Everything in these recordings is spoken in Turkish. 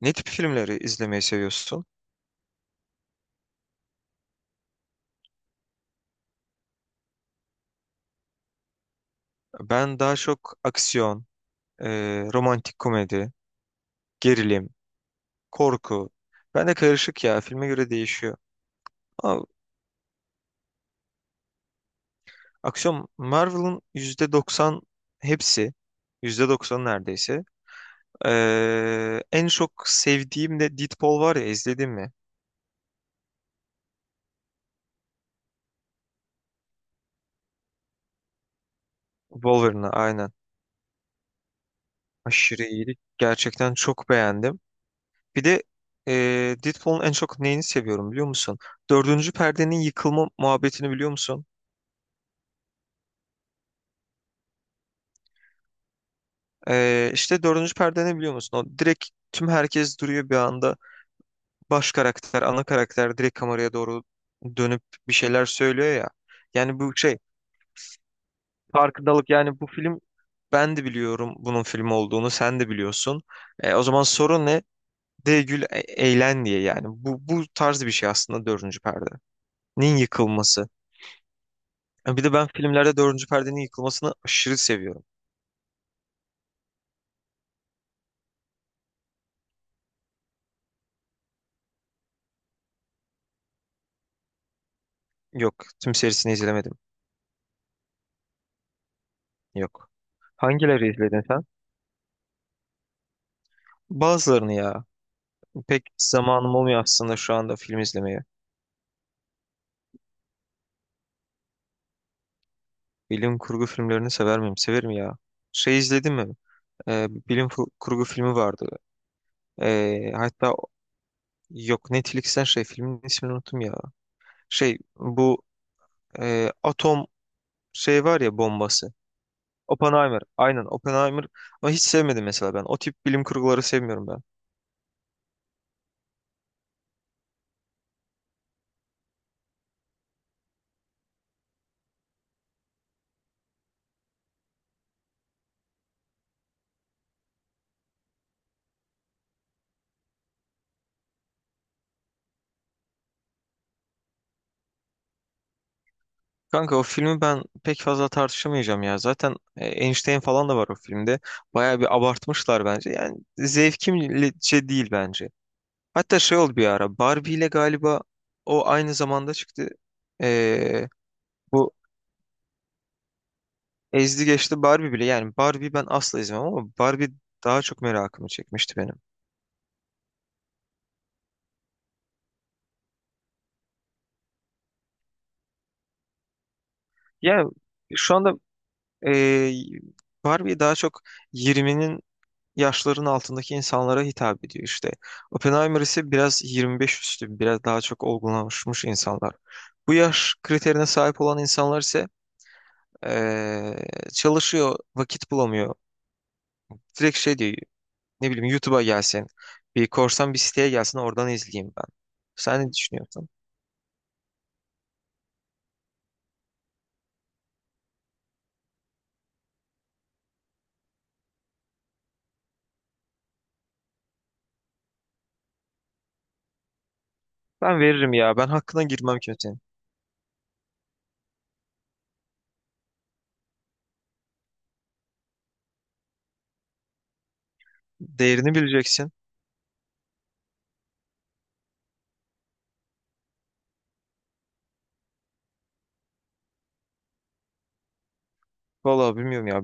Ne tip filmleri izlemeyi seviyorsun? Ben daha çok aksiyon, e, romantik komedi, gerilim, korku. Ben de karışık ya. Filme göre değişiyor. Ama aksiyon Marvel'ın %90 hepsi. Yüzde doksan neredeyse. En çok sevdiğim de Deadpool var ya, izledin mi? Wolverine'ı aynen. Aşırı iyiydi. Gerçekten çok beğendim. Bir de e, Deadpool'un en çok neyini seviyorum biliyor musun? Dördüncü perdenin yıkılma muhabbetini biliyor musun? İşte dördüncü perde ne biliyor musun? O direkt tüm herkes duruyor bir anda. Baş karakter, ana karakter direkt kameraya doğru dönüp bir şeyler söylüyor ya. Yani bu şey, farkındalık. Yani bu film, ben de biliyorum bunun film olduğunu, sen de biliyorsun. O zaman sorun ne? De gül, eğlen diye yani. Bu tarz bir şey aslında dördüncü perdenin yıkılması. Yani bir de ben filmlerde dördüncü perdenin yıkılmasını aşırı seviyorum. Yok, tüm serisini izlemedim. Yok. Hangileri izledin sen? Bazılarını ya. Pek zamanım olmuyor aslında şu anda film izlemeye. Bilim kurgu filmlerini sever miyim? Severim ya. Şey izledin mi? Bilim kurgu filmi vardı. Hatta yok, Netflix'ten şey, filmin ismini unuttum ya. Şey, bu, atom şey var ya, bombası. Oppenheimer. Aynen, Oppenheimer. Ama hiç sevmedim mesela ben. O tip bilim kurguları sevmiyorum ben. Kanka, o filmi ben pek fazla tartışamayacağım ya. Zaten Einstein falan da var o filmde. Bayağı bir abartmışlar bence. Yani zevkimce değil bence. Hatta şey oldu bir ara. Barbie ile galiba o aynı zamanda çıktı. Ee, Bu ezdi geçti Barbie bile. Yani Barbie ben asla izlemem ama Barbie daha çok merakımı çekmişti benim. Yani şu anda ee, Barbie daha çok 20'nin yaşların altındaki insanlara hitap ediyor işte. Oppenheimer ise biraz 25 üstü, biraz daha çok olgunlaşmış insanlar. Bu yaş kriterine sahip olan insanlar ise ee, çalışıyor, vakit bulamıyor. Direkt şey diyor. Ne bileyim, YouTube'a gelsin. Bir korsan bir siteye gelsin, oradan izleyeyim ben. Sen ne düşünüyorsun? Ben veririm ya. Ben hakkına girmem kimsenin. Değerini bileceksin. Vallahi bilmiyorum ya.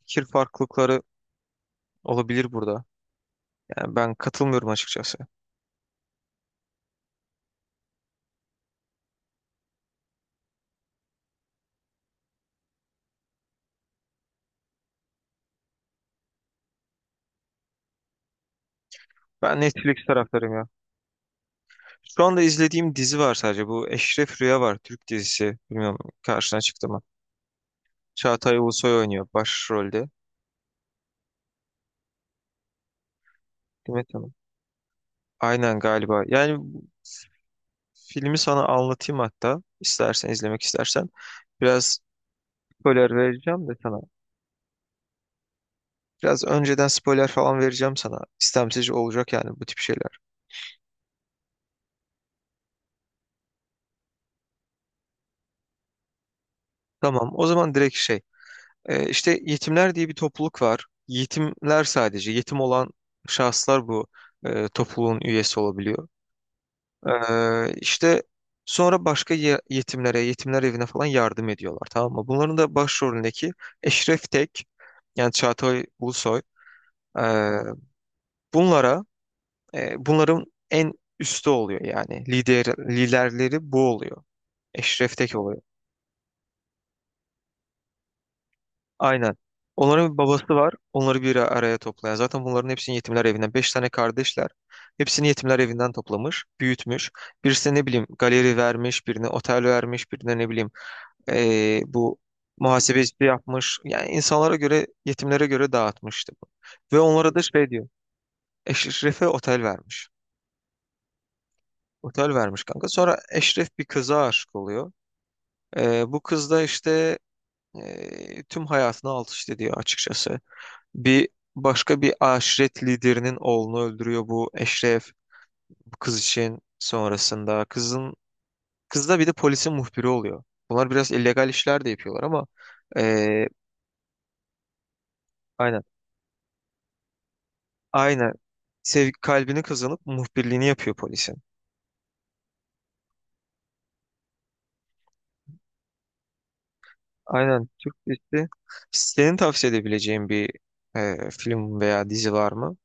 Fikir farklılıkları olabilir burada. Yani ben katılmıyorum açıkçası. Ben Netflix taraftarıyım ya. Şu anda izlediğim dizi var sadece. Bu Eşref Rüya var. Türk dizisi. Bilmiyorum, karşına çıktı mı? Çağatay Ulusoy oynuyor başrolde. Demet Hanım. Aynen galiba. Yani bu filmi sana anlatayım hatta. İstersen, izlemek istersen. Biraz spoiler vereceğim de sana. Biraz önceden spoiler falan vereceğim sana. İstemsiz olacak yani bu tip şeyler. Tamam, o zaman direkt şey. İşte yetimler diye bir topluluk var. Yetimler sadece. Yetim olan şahıslar bu topluluğun üyesi olabiliyor. İşte sonra başka yetimlere, yetimler evine falan yardım ediyorlar, tamam mı? Bunların da başrolündeki Eşref Tek, yani Çağatay Ulusoy. ee, bunlara bunların en üstü oluyor yani. Lider, liderleri bu oluyor. Eşref Tek oluyor. Aynen. Onların bir babası var. Onları bir araya toplayan. Zaten bunların hepsini yetimler evinden. Beş tane kardeşler. Hepsini yetimler evinden toplamış, büyütmüş. Birisine ne bileyim galeri vermiş, birine otel vermiş, birine ne bileyim e, bu muhasebeci yapmış. Yani insanlara göre, yetimlere göre dağıtmıştı bu. Ve onlara da şey diyor. Eşref'e otel vermiş. Otel vermiş kanka. Sonra Eşref bir kıza aşık oluyor. Bu kız da işte tüm hayatını alt üst ediyor açıkçası. Bir Başka bir aşiret liderinin oğlunu öldürüyor bu Eşref, bu kız için sonrasında. Kız da bir de polisin muhbiri oluyor. Bunlar biraz illegal işler de yapıyorlar ama e, aynen aynen, sev kalbini kazanıp muhbirliğini yapıyor polisin. Aynen, Türk dizisi. Senin tavsiye edebileceğin bir film veya dizi var mı?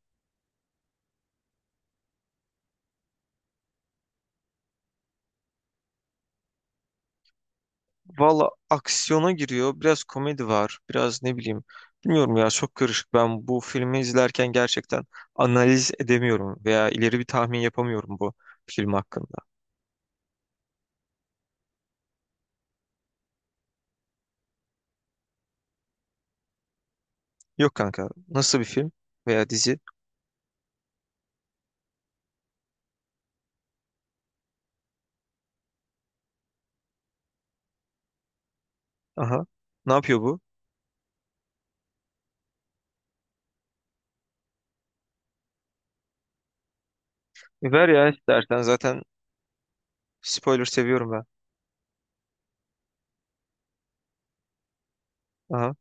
Valla aksiyona giriyor. Biraz komedi var. Biraz ne bileyim. Bilmiyorum ya, çok karışık. Ben bu filmi izlerken gerçekten analiz edemiyorum veya ileri bir tahmin yapamıyorum bu film hakkında. Yok kanka. Nasıl bir film veya dizi? Aha. Ne yapıyor bu? E ver ya istersen. Zaten spoiler seviyorum ben. Aha.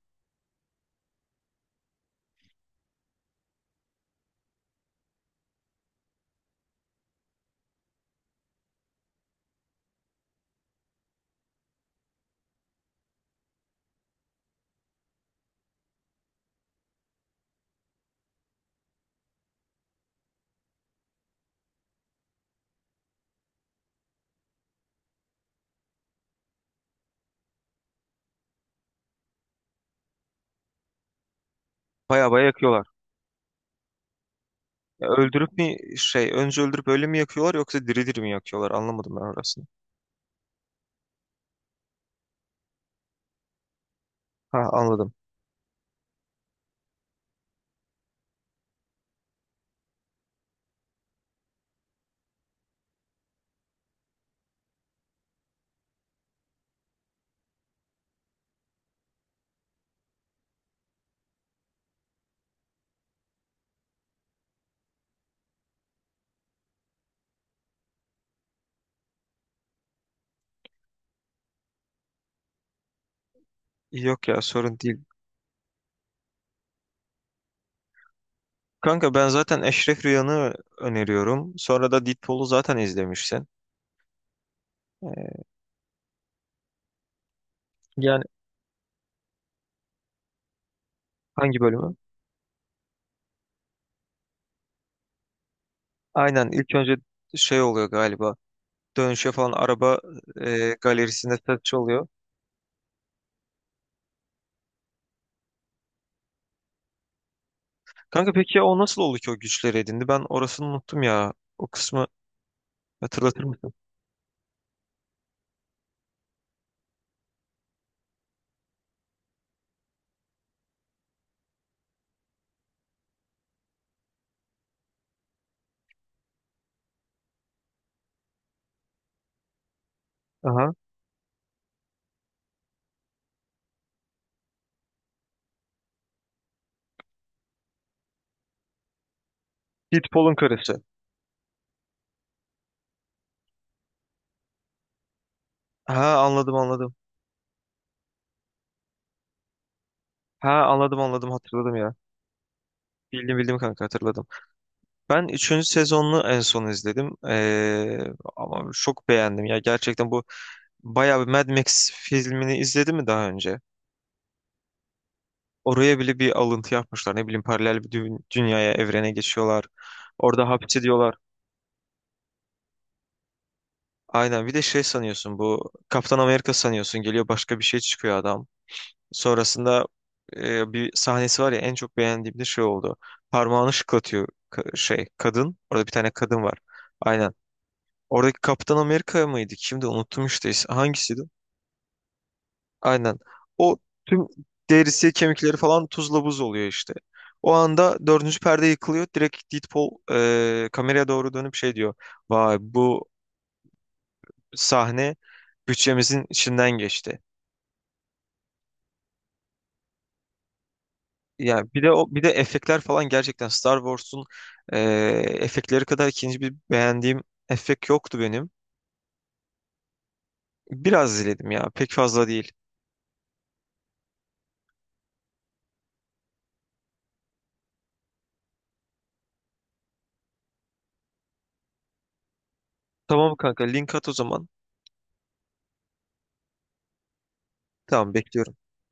Baya baya yakıyorlar. Ya öldürüp mi, şey, önce öldürüp öyle mi yakıyorlar yoksa diri diri mi yakıyorlar? Anlamadım ben orasını. Ha, anladım. Yok ya, sorun değil. Kanka ben zaten Eşref Rüyan'ı öneriyorum. Sonra da Deadpool'u zaten izlemişsin. Ee, Yani hangi bölümü? Aynen ilk önce şey oluyor galiba. Dönüşe falan araba, galerisinde satış oluyor. Kanka peki ya o nasıl oldu ki o güçleri edindi? Ben orasını unuttum ya. O kısmı hatırlatır mısın? Aha. Deadpool'un karısı. Ha, anladım anladım. Ha, anladım anladım, hatırladım ya. Bildim bildim kanka, hatırladım. Ben üçüncü sezonunu en son izledim. Ama çok beğendim ya. Gerçekten bu, bayağı bir. Mad Max filmini izledi mi daha önce? Oraya bile bir alıntı yapmışlar. Ne bileyim, paralel bir dünyaya, evrene geçiyorlar. Orada hapse diyorlar. Aynen, bir de şey sanıyorsun, bu Kaptan Amerika sanıyorsun, geliyor başka bir şey çıkıyor adam. Sonrasında bir sahnesi var ya, en çok beğendiğim de şey oldu. Parmağını şıklatıyor kadın. Orada bir tane kadın var. Aynen. Oradaki Kaptan Amerika mıydı? Kimdi? Unuttum işte. Hangisiydi? Aynen. O, tüm derisi, kemikleri falan tuzla buz oluyor işte. O anda dördüncü perde yıkılıyor. Direkt Deadpool kameraya doğru dönüp şey diyor. Vay, bu sahne bütçemizin içinden geçti. Yani bir de o, bir de efektler falan, gerçekten Star Wars'un e, efektleri kadar ikinci bir beğendiğim efekt yoktu benim. Biraz izledim ya. Pek fazla değil. Tamam kanka, link at o zaman. Tamam, bekliyorum.